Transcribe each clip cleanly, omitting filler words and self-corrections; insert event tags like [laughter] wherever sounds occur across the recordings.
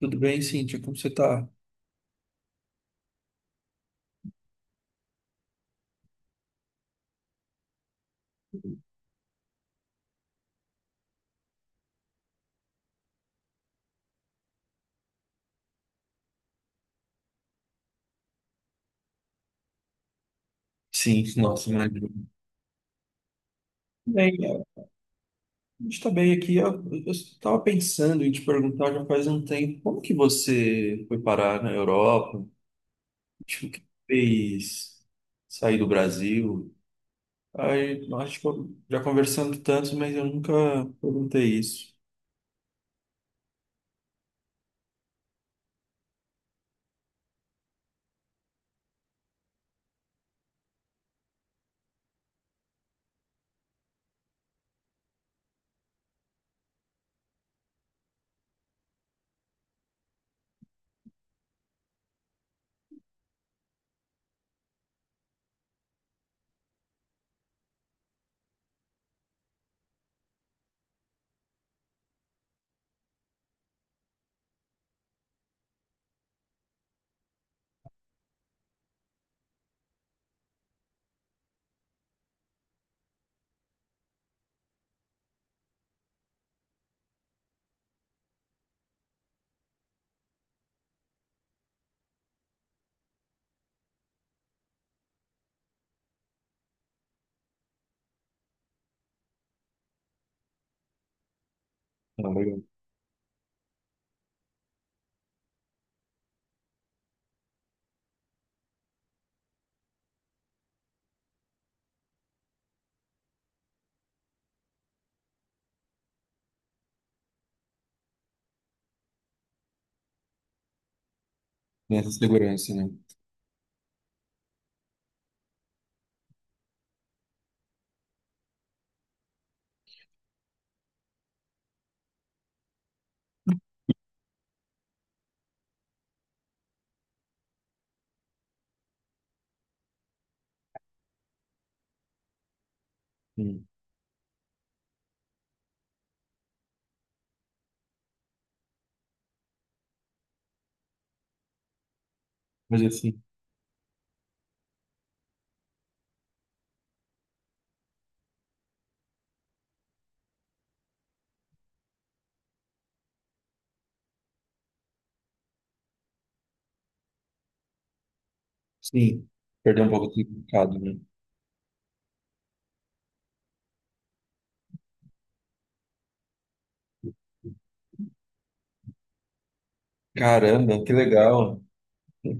Tudo bem, Cíntia? Como você está? Sim, nossa, imagina. Bem, a gente está bem aqui. Eu estava pensando em te perguntar já faz um tempo, como que você foi parar na Europa? Tipo, o que fez sair do Brasil? Aí, acho que eu, já conversando tanto, mas eu nunca perguntei isso. Ah, legal. Nessa segurança, né? Sim. Mas assim, sim, perdeu um pouco de significado, né? Caramba, que legal. Eu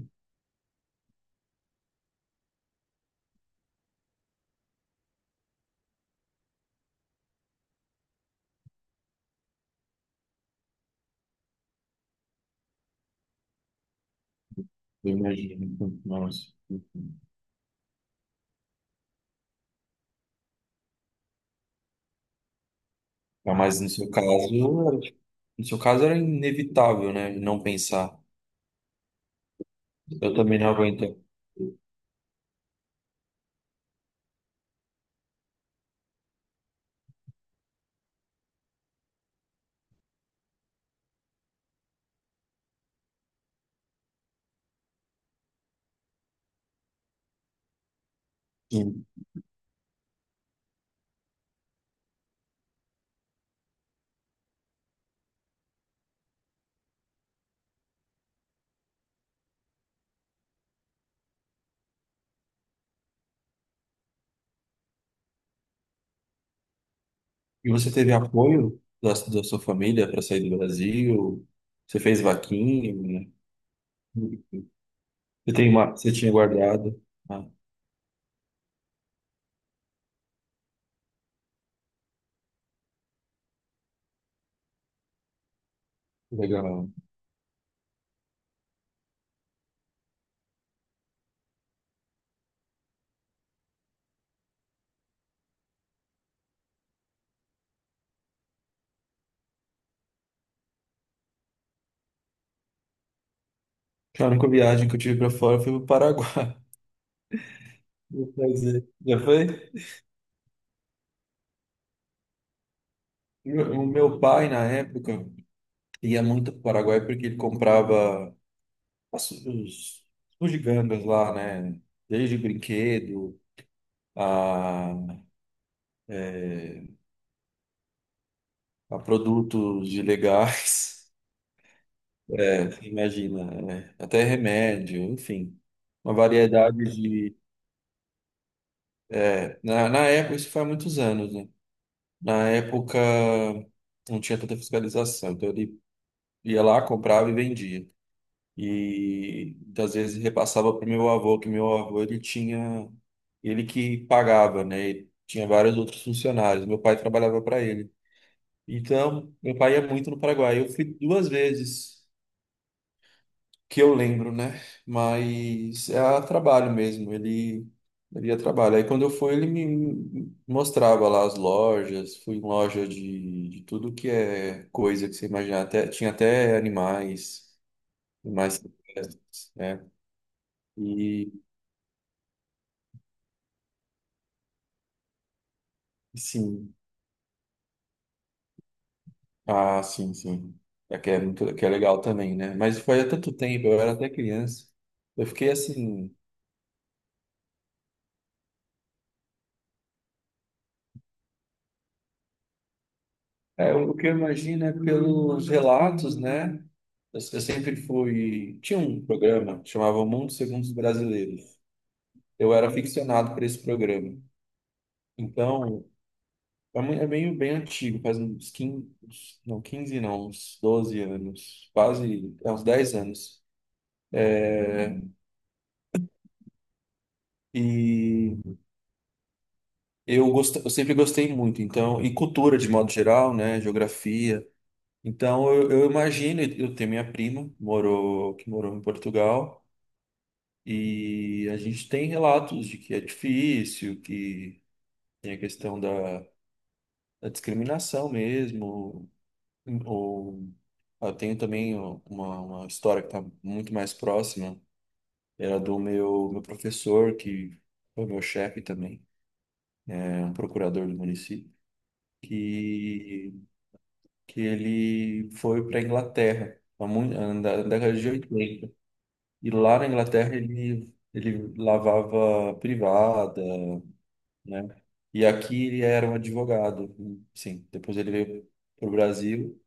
imagino. Nossa. Não, mas no seu caso, era, tipo, no seu caso era inevitável, né? Não pensar. Eu também não aguento. Sim. E você teve apoio da sua família para sair do Brasil? Você fez vaquinha? Você tem uma, você tinha guardado? Ah, legal. A única viagem que eu tive para fora foi para o Paraguai. [laughs] Vou fazer. Já foi? O meu pai, na época, ia muito para o Paraguai porque ele comprava os bugigangas lá, né? Desde brinquedo a, a produtos ilegais. [laughs] É, imagina, né? Até remédio, enfim. Uma variedade de. Na época, isso faz muitos anos, né? Na época, não tinha tanta fiscalização, então ele ia lá, comprava e vendia. E às vezes repassava para o meu avô, que meu avô ele tinha. Ele que pagava, né? Ele tinha vários outros funcionários, meu pai trabalhava para ele. Então, meu pai ia muito no Paraguai. Eu fui duas vezes, que eu lembro, né? Mas é a trabalho mesmo, ele ia a trabalho. Aí quando eu fui, ele me mostrava lá as lojas, fui em loja de tudo que é coisa que você imaginar, até, tinha até animais, animais silvestres, né? E sim, ah, sim, sim. É que é muito, que é legal também, né? Mas foi há tanto tempo, eu era até criança. Eu fiquei assim, é, o que eu imagino é pelos relatos, né? Eu sempre fui. Tinha um programa que chamava O Mundo Segundo os Brasileiros. Eu era aficionado por esse programa. Então, é meio bem antigo, faz uns 15 não, 15 não, uns 12 anos, quase, é, uns 10 anos. E eu, eu sempre gostei muito, então, e cultura de modo geral, né? Geografia. Então, eu imagino, eu tenho minha prima, morou, que morou em Portugal. E a gente tem relatos de que é difícil, que tem a questão da, da discriminação mesmo, ou eu tenho também uma história que está muito mais próxima, era do meu professor, que foi meu chefe também, é um procurador do município, que, que ele foi para a Inglaterra, na década de 80, e lá na Inglaterra ele lavava privada, né? E aqui ele era um advogado, sim. Depois ele veio para o Brasil,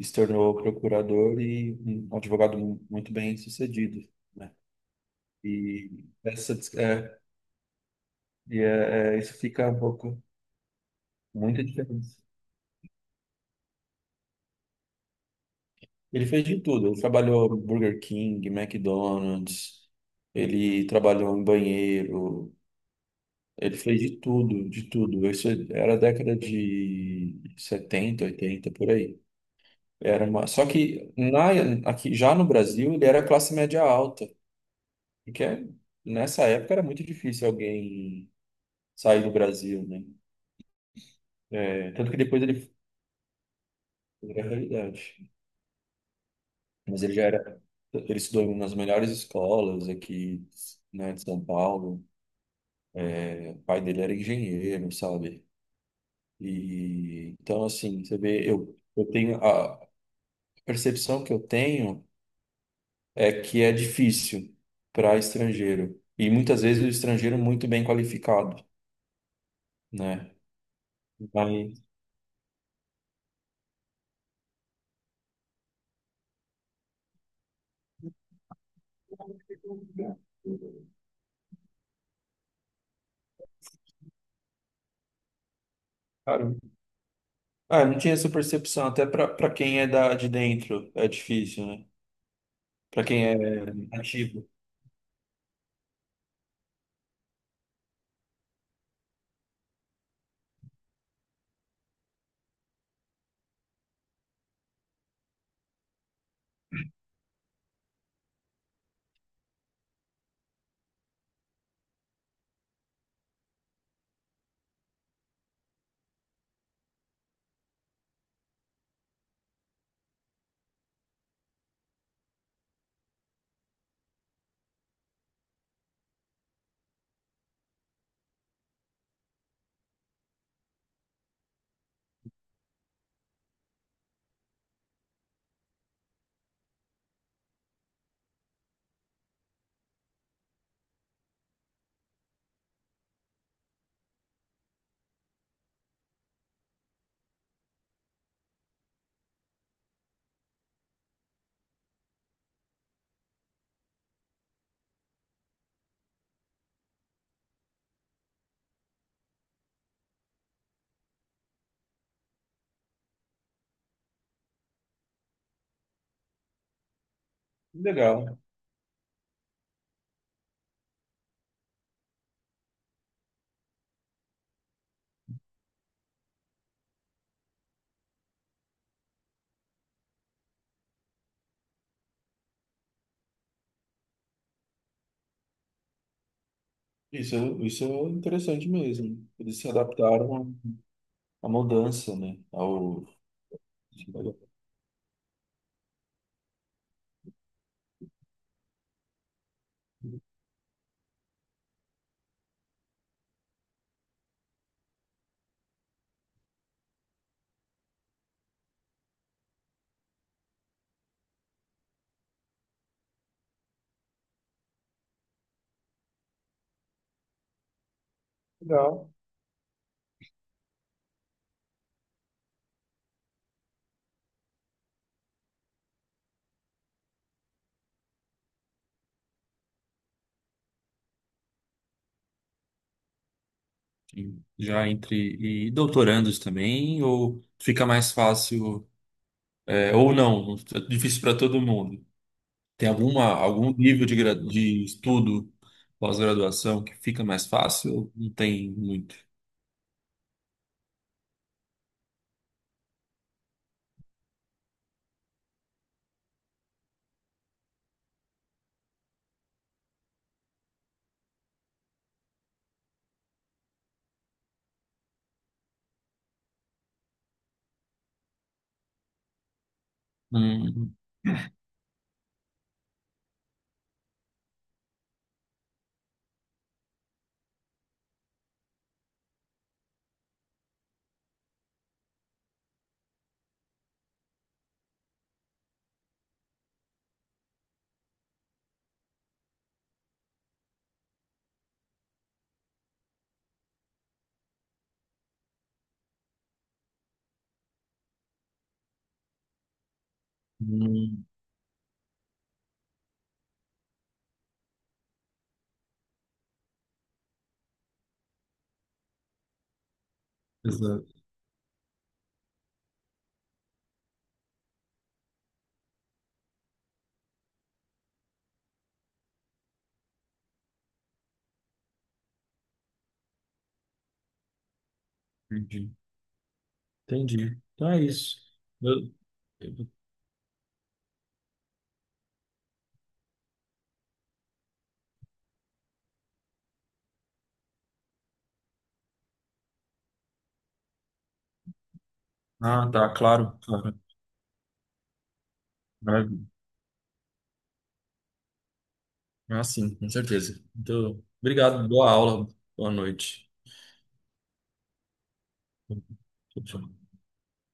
se tornou procurador e um advogado muito bem sucedido, né? E essa dis- é, e é, é, isso fica um pouco muita diferença. Ele fez de tudo. Ele trabalhou no Burger King, McDonald's. Ele trabalhou em banheiro. Ele fez de tudo, de tudo. Isso era a década de 70, 80 por aí. Era uma... Só que na... aqui, já no Brasil ele era classe média alta, e que é... nessa época era muito difícil alguém sair do Brasil, né? Tanto que depois ele foi a realidade. Mas ele já era. Ele estudou nas melhores escolas aqui, né, de São Paulo. O pai dele era engenheiro, sabe? E então, assim, você vê, eu tenho a percepção que eu tenho. É que é difícil para estrangeiro. E muitas vezes o estrangeiro muito bem qualificado, né? Mas, cara, ah, eu não tinha essa percepção. Até para para quem é da, de dentro é difícil, né? Para quem é nativo. Legal. Isso, isso é interessante mesmo. Eles se adaptaram à mudança, né? Ao... Legal. Sim. Já entre e doutorandos também, ou fica mais fácil, é, ou não, é difícil para todo mundo. Tem alguma, algum nível de, de estudo, pós-graduação, que fica mais fácil? Não tem muito. Hum, hum, exato. Entendi. Entendi. Então é isso. Eu- eu- Ah, tá, claro, claro. Ah, sim, com certeza. Então, obrigado, boa aula, boa noite. Tchau, tchau.